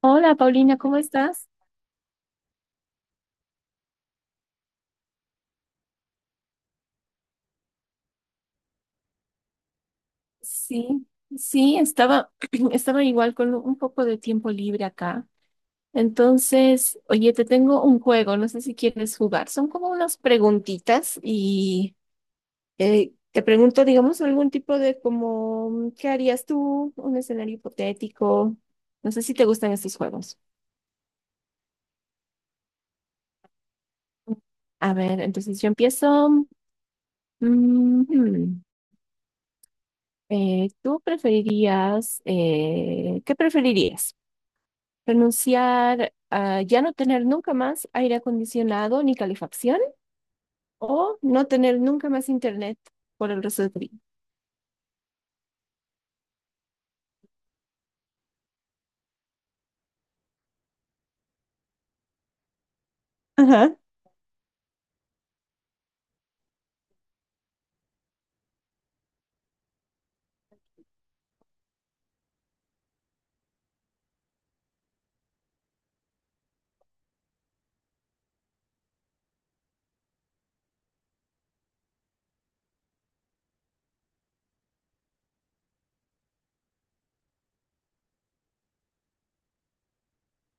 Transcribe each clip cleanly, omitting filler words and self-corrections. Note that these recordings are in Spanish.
Hola Paulina, ¿cómo estás? Sí, sí, estaba, estaba igual con un poco de tiempo libre acá. Entonces, oye, te tengo un juego, no sé si quieres jugar. Son como unas preguntitas y te pregunto, digamos, algún tipo de como, ¿qué harías tú? Un escenario hipotético. No sé si te gustan estos juegos. A ver, entonces yo empiezo. Mm, hmm. ¿Tú preferirías, qué preferirías? Renunciar a ya no tener nunca más aire acondicionado ni calefacción, o no tener nunca más internet por el resto de tu vida. Ajá.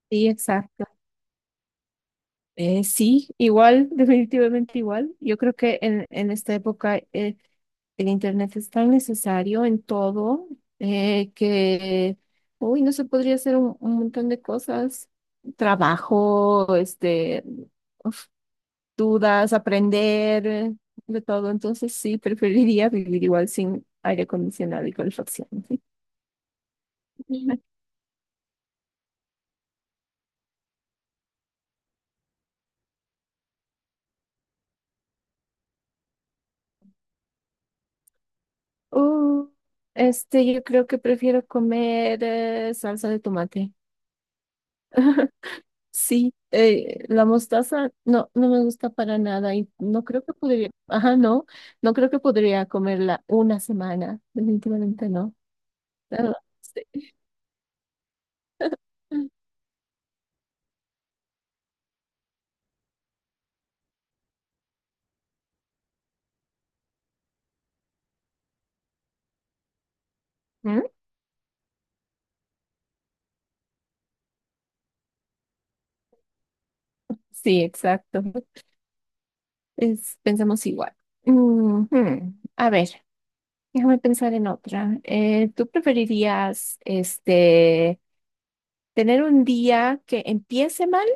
Sí, exacto. Sí, igual, definitivamente igual. Yo creo que en esta época el Internet es tan necesario en todo que uy, no se podría hacer un montón de cosas. Trabajo, este, dudas, aprender, de todo. Entonces sí, preferiría vivir igual sin aire acondicionado y calefacción. Sí. Uh, este, yo creo que prefiero comer salsa de tomate. Sí, la mostaza no, no me gusta para nada y no creo que podría, ajá, no, no creo que podría comerla una semana, definitivamente no. Ah, sí. ¿Mm? Sí, exacto. Es, pensamos igual. Ujú. A ver. Déjame pensar en otra. ¿Tú preferirías este tener un día que empiece mal,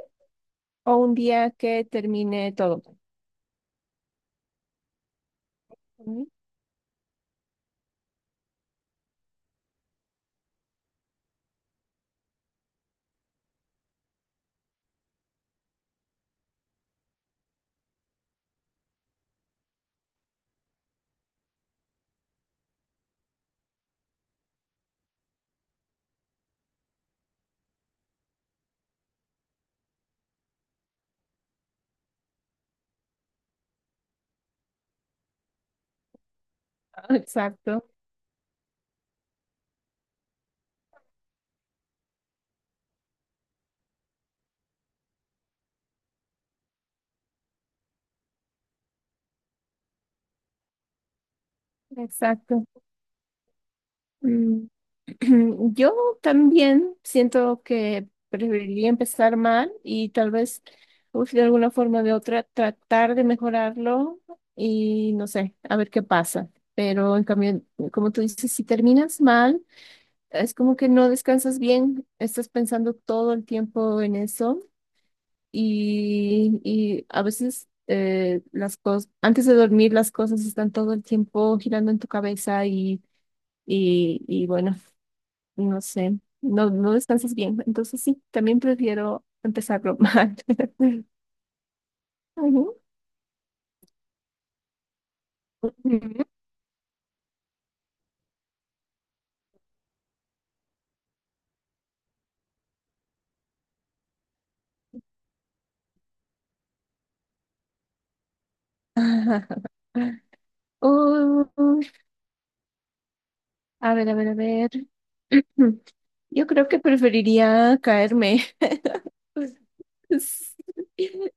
o un día que termine todo mal? Mm. Exacto, exacto. Mm. Yo también siento que preferiría empezar mal y tal vez uf, de alguna forma o de otra tratar de mejorarlo y no sé, a ver qué pasa. Pero en cambio, como tú dices, si terminas mal, es como que no descansas bien, estás pensando todo el tiempo en eso y a veces las cosas, antes de dormir las cosas están todo el tiempo girando en tu cabeza y bueno, no sé, no, no descansas bien. Entonces sí, también prefiero empezarlo mal. Ujú. Ujú. Uy, a ver. Yo creo que preferiría caerme. Sí.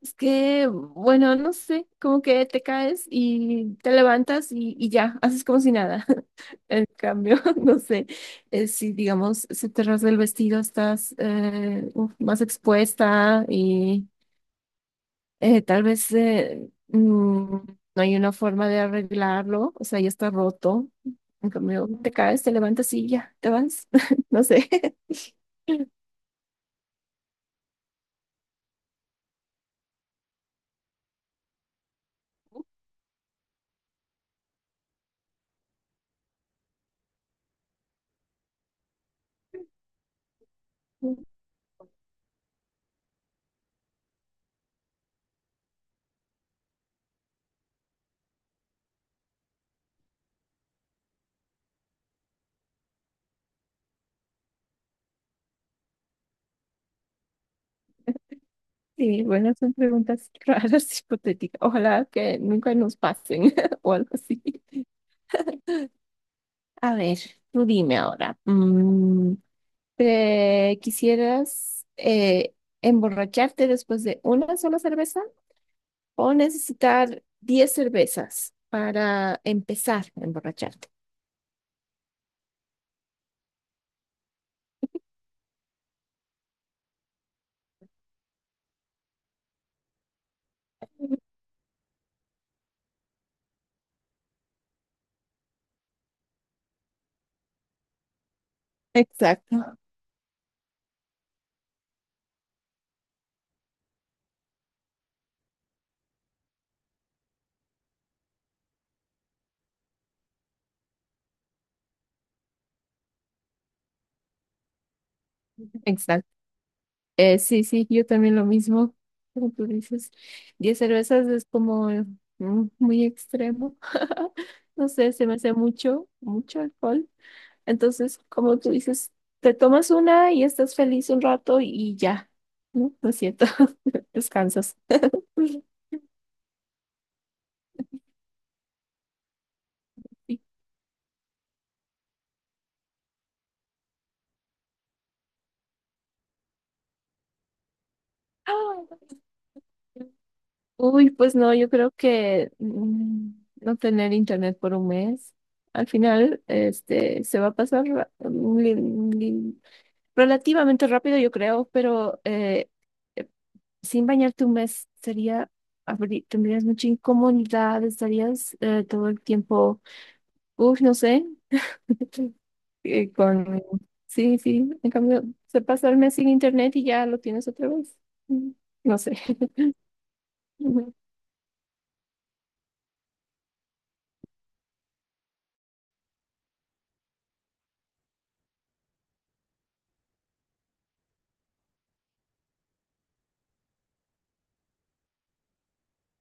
Es que, bueno, no sé, como que te caes y te levantas y ya, haces como si nada. En cambio, no sé, si digamos, se te rasga el vestido, estás uf, más expuesta y tal vez no hay una forma de arreglarlo, o sea, ya está roto. En cambio, te caes, te levantas y ya, te vas. No sé. Sí, bueno, son preguntas raras, hipotéticas. Ojalá que nunca nos pasen o algo así. A ver, tú dime ahora. Mm. ¿Te quisieras emborracharte después de una sola cerveza, o necesitar 10 cervezas para empezar a emborracharte? Exacto, exacto. Sí, sí, yo también lo mismo, como tú dices. 10 cervezas es como mm, muy extremo. No sé, se me hace mucho, mucho alcohol. Entonces, como tú dices, te tomas una y estás feliz un rato y ya, ¿no? Lo siento, descansas. Sí. Ah, uy, pues no, yo creo que mm, no tener internet por un mes, al final, este, se va a pasar relativamente rápido, yo creo, pero eh, sin bañarte un mes sería, tendrías mucha incomodidad, estarías todo el tiempo, uff, no sé, eh, con, sí, sí, en cambio, se pasa el mes sin internet y ya lo tienes otra vez. Mm, no sé.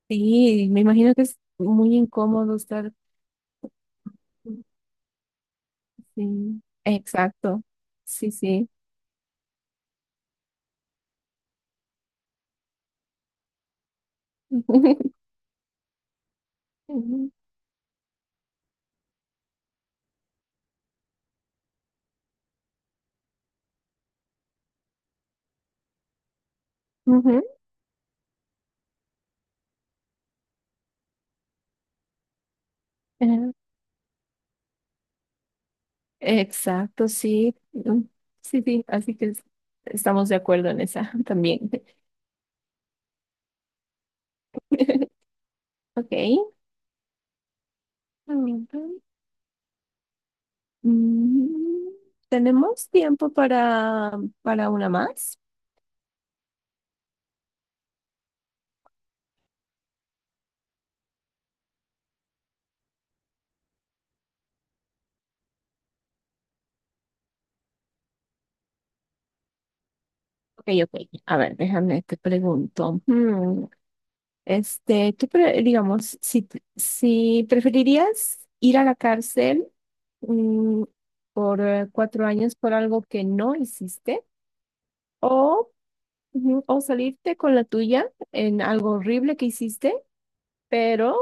Sí, me imagino que es muy incómodo estar. Sí, exacto. Sí, sí. Ujú, ujú, eh, exacto, sí. Mm. Sí, sí, así estamos de acuerdo en esa también. Ok. Ujú. Mm. ¿Tenemos tiempo para una más? Ok, ok. A ver, déjame, te pregunto. Mm. Este, digamos, si preferirías ir a la cárcel mm, por 4 años por algo que no hiciste o, ujú, o salirte con la tuya en algo horrible que hiciste, pero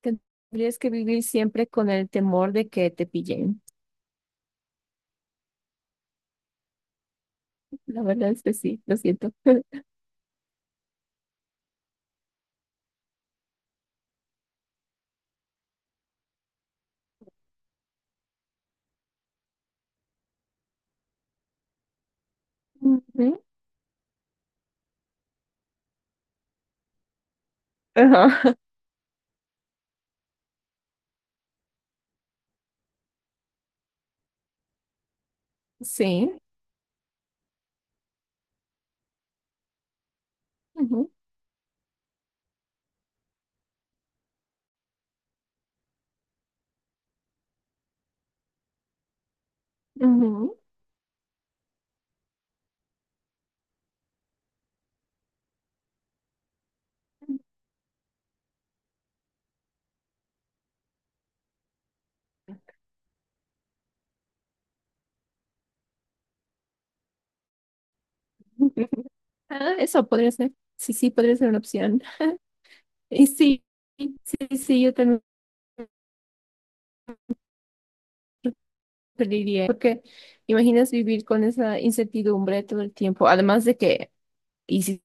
tendrías que vivir siempre con el temor de que te pillen. La verdad es que sí, lo siento. Ujú. Ajá. Sí. Ujú, ujú. Ah, eso podría ser. Sí, sí, podría ser una opción. Y sí, sí, sí, yo también preferiría, porque imaginas vivir con esa incertidumbre todo el tiempo, además de que hiciste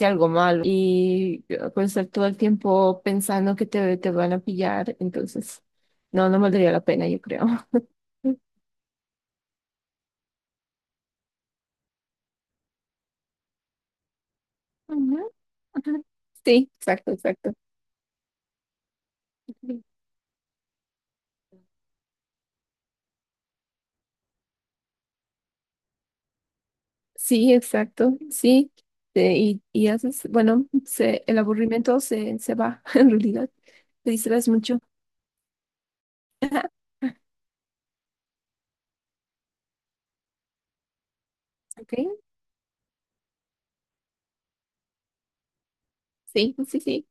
algo malo y pues estar todo el tiempo pensando que te van a pillar, entonces no, no valdría la pena, yo creo. Ujú, ajá. Sí, exacto, exacto. Sí, exacto, sí. Y haces, bueno, el aburrimiento se va, en realidad. Te distraes mucho. ¿Ok? Sí, sí, sí.